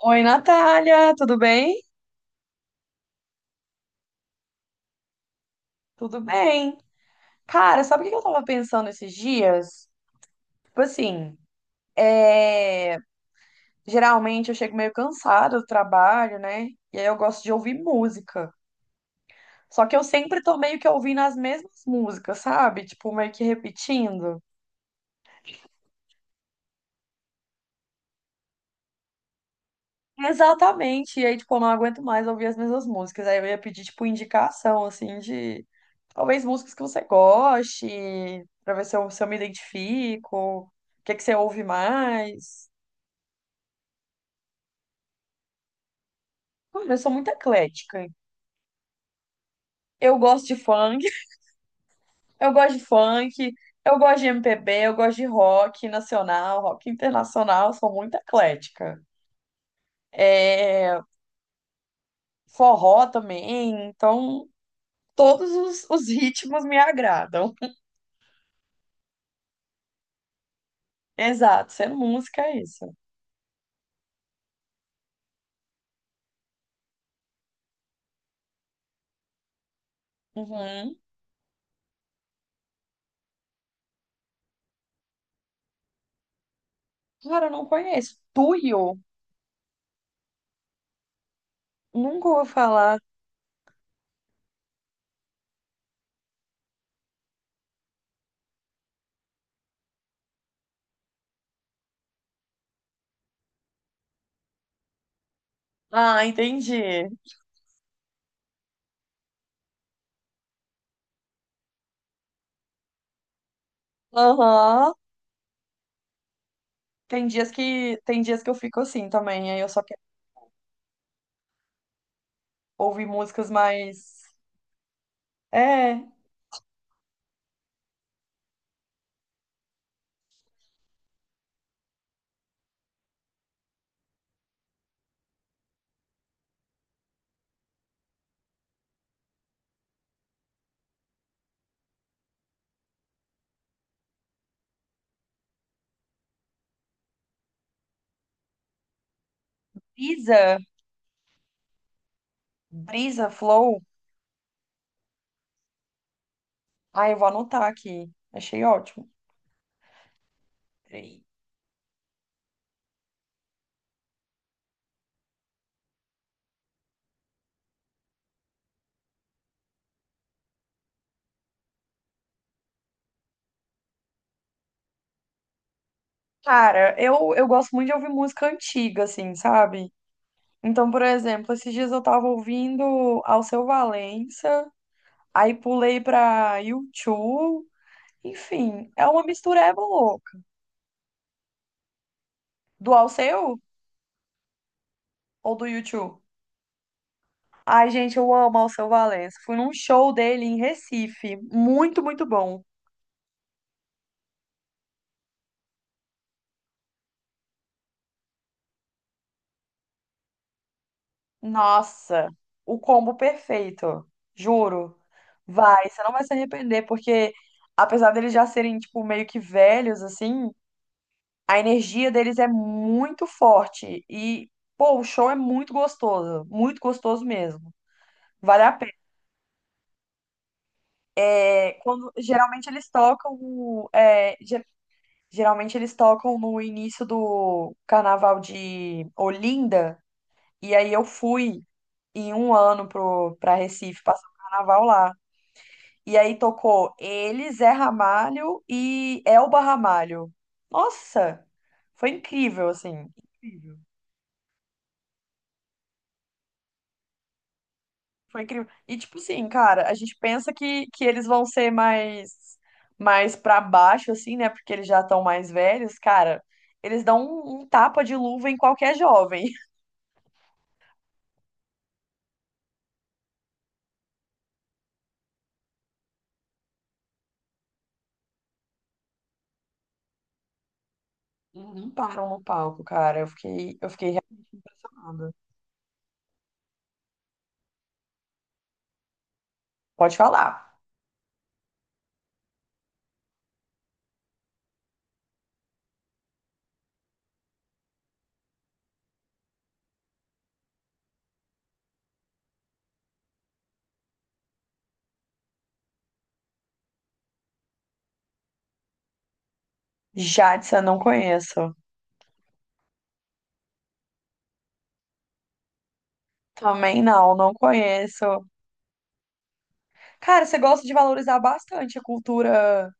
Oi, Natália, tudo bem? Tudo bem. Cara, sabe o que eu tava pensando esses dias? Tipo assim, é, geralmente eu chego meio cansada do trabalho, né? E aí eu gosto de ouvir música. Só que eu sempre tô meio que ouvindo as mesmas músicas, sabe? Tipo, meio que repetindo. Exatamente. E aí, tipo, eu não aguento mais ouvir as mesmas músicas. Aí eu ia pedir, tipo, indicação, assim, de talvez músicas que você goste, pra ver se eu me identifico. O que que você ouve mais? Mano, eu sou muito eclética. Eu gosto de funk, eu gosto de funk, eu gosto de MPB, eu gosto de rock nacional, rock internacional, eu sou muito eclética. É, forró também, então todos os ritmos me agradam. Exato, sendo música é isso. Uhum. Cara, eu não conheço. Tuyo? Nunca vou falar. Ah, entendi. Aham. Tem dias que eu fico assim também, aí eu só quero ouvir músicas mais é, Brisa, Brisa Flow. Ah, eu vou anotar aqui. Achei ótimo. Peraí. Cara, eu gosto muito de ouvir música antiga, assim, sabe? Então, por exemplo, esses dias eu tava ouvindo Alceu Valença, aí pulei pra U2, enfim, é uma mistureba louca. Do Alceu ou do U2? Ai, gente, eu amo Alceu Valença. Fui num show dele em Recife, muito, muito bom. Nossa, o combo perfeito. Juro. Vai, você não vai se arrepender, porque apesar deles já serem, tipo, meio que velhos, assim, a energia deles é muito forte. E, pô, o show é muito gostoso. Muito gostoso mesmo. Vale a pena. É, quando, geralmente eles tocam. O- É, ge- geralmente eles tocam no início do carnaval de Olinda. E aí eu fui em um ano pra Recife, passar o carnaval lá. E aí tocou ele, Zé Ramalho e Elba Ramalho. Nossa, foi incrível, assim. Incrível. Foi incrível. E tipo assim, cara, a gente pensa que eles vão ser mais para baixo assim, né? Porque eles já estão mais velhos, cara. Eles dão um tapa de luva em qualquer jovem. Não Uhum. param no palco, cara. Eu fiquei revoltada. Pode falar. Jadson, não conheço. Também não conheço. Cara, você gosta de valorizar bastante a cultura,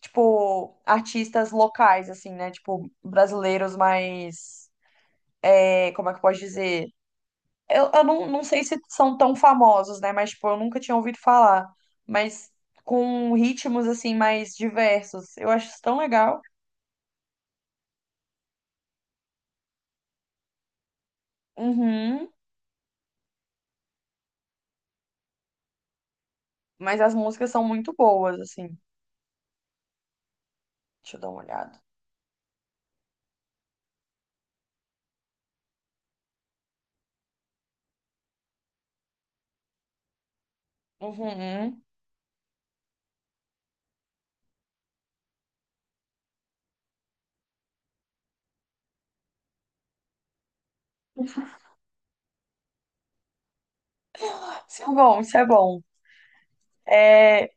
tipo, artistas locais, assim, né? Tipo, brasileiros mais. É, como é que eu posso dizer? Eu não sei se são tão famosos, né? Mas, tipo, eu nunca tinha ouvido falar. Mas com ritmos, assim, mais diversos. Eu acho isso tão legal. Uhum. Mas as músicas são muito boas, assim. Deixa eu dar uma olhada. Uhum. Isso é bom, isso é bom. É.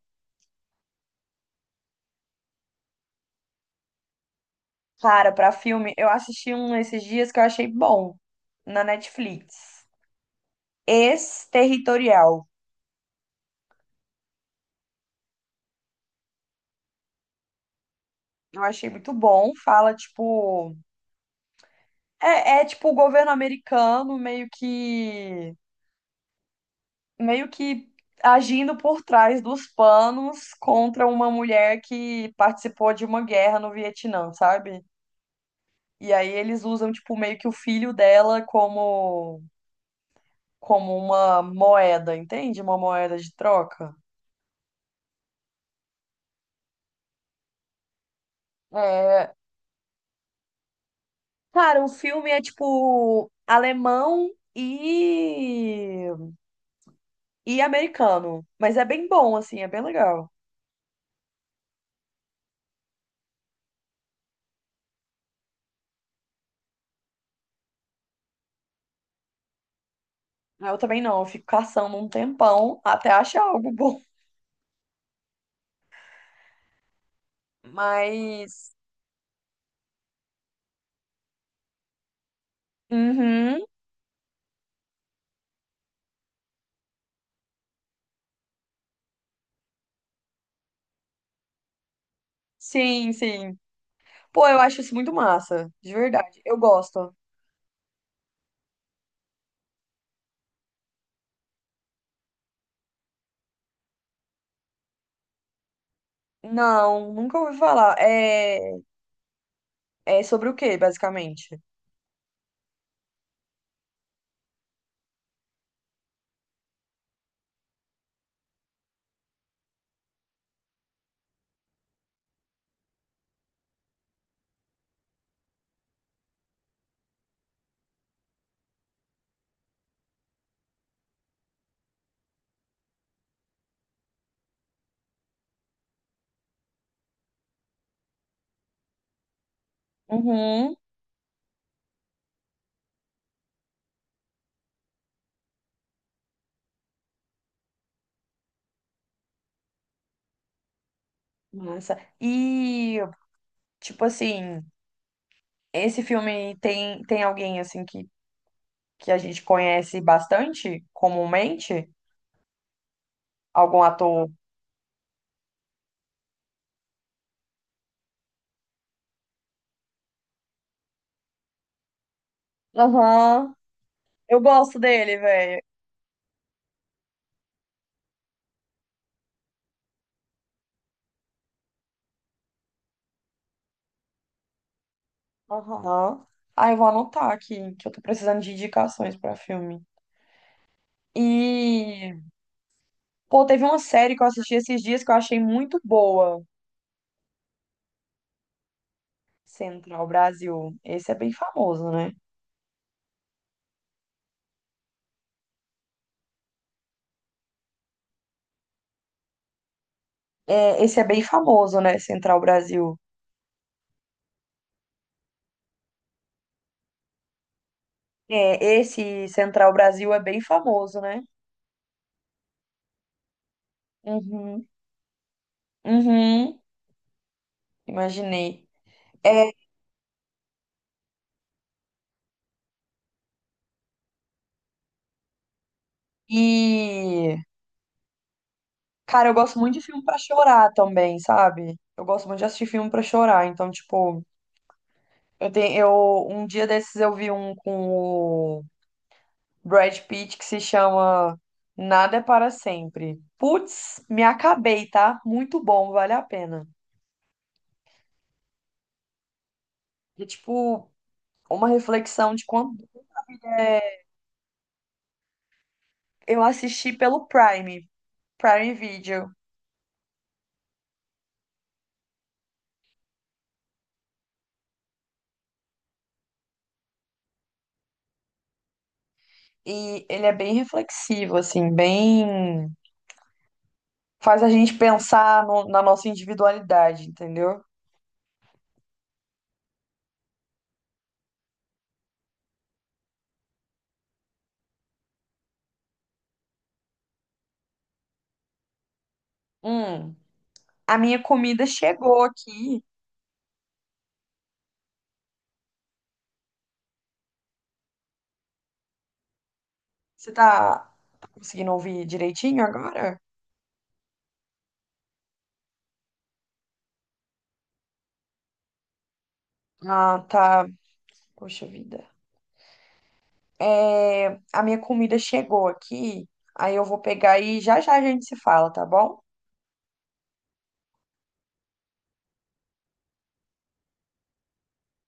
Cara, pra filme, eu assisti um esses dias que eu achei bom na Netflix. Ex-Territorial. Eu achei muito bom. Fala, tipo. É, é tipo o governo americano meio que. Meio que agindo por trás dos panos contra uma mulher que participou de uma guerra no Vietnã, sabe? E aí eles usam, tipo, meio que o filho dela como. Como uma moeda, entende? Uma moeda de troca. É, cara, um filme é tipo alemão e americano, mas é bem bom assim, é bem legal. Ah, eu também não, eu fico caçando um tempão até achar algo bom. Mas uhum, sim, sim. Pô, eu acho isso muito massa, de verdade. Eu gosto. Não, nunca ouvi falar. É sobre o quê, basicamente? Uhum, massa. E tipo assim, esse filme tem alguém assim que a gente conhece bastante comumente, algum ator. Aham, eu gosto dele, velho. Aham. Ah, eu vou anotar aqui, que eu tô precisando de indicações pra filme. E, pô, teve uma série que eu assisti esses dias que eu achei muito boa, Central Brasil. Esse é bem famoso, né? É, esse é bem famoso, né, Central Brasil. É, esse Central Brasil é bem famoso, né? Uhum, uhum, imaginei. É, e cara, eu gosto muito de filme pra chorar também, sabe? Eu gosto muito de assistir filme pra chorar. Então, tipo, eu tenho, eu um dia desses eu vi um com o Brad Pitt que se chama Nada é para sempre. Putz, me acabei, tá? Muito bom, vale a pena. E tipo, uma reflexão de quando eu assisti pelo Prime, Prime Video, e ele é bem reflexivo assim, bem faz a gente pensar na nossa individualidade, entendeu? Hum. A minha comida chegou aqui. Você tá conseguindo ouvir direitinho agora? Ah, tá. Poxa vida. É, a minha comida chegou aqui. Aí eu vou pegar e já já a gente se fala, tá bom?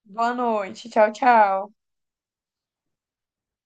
Boa noite. Tchau, tchau.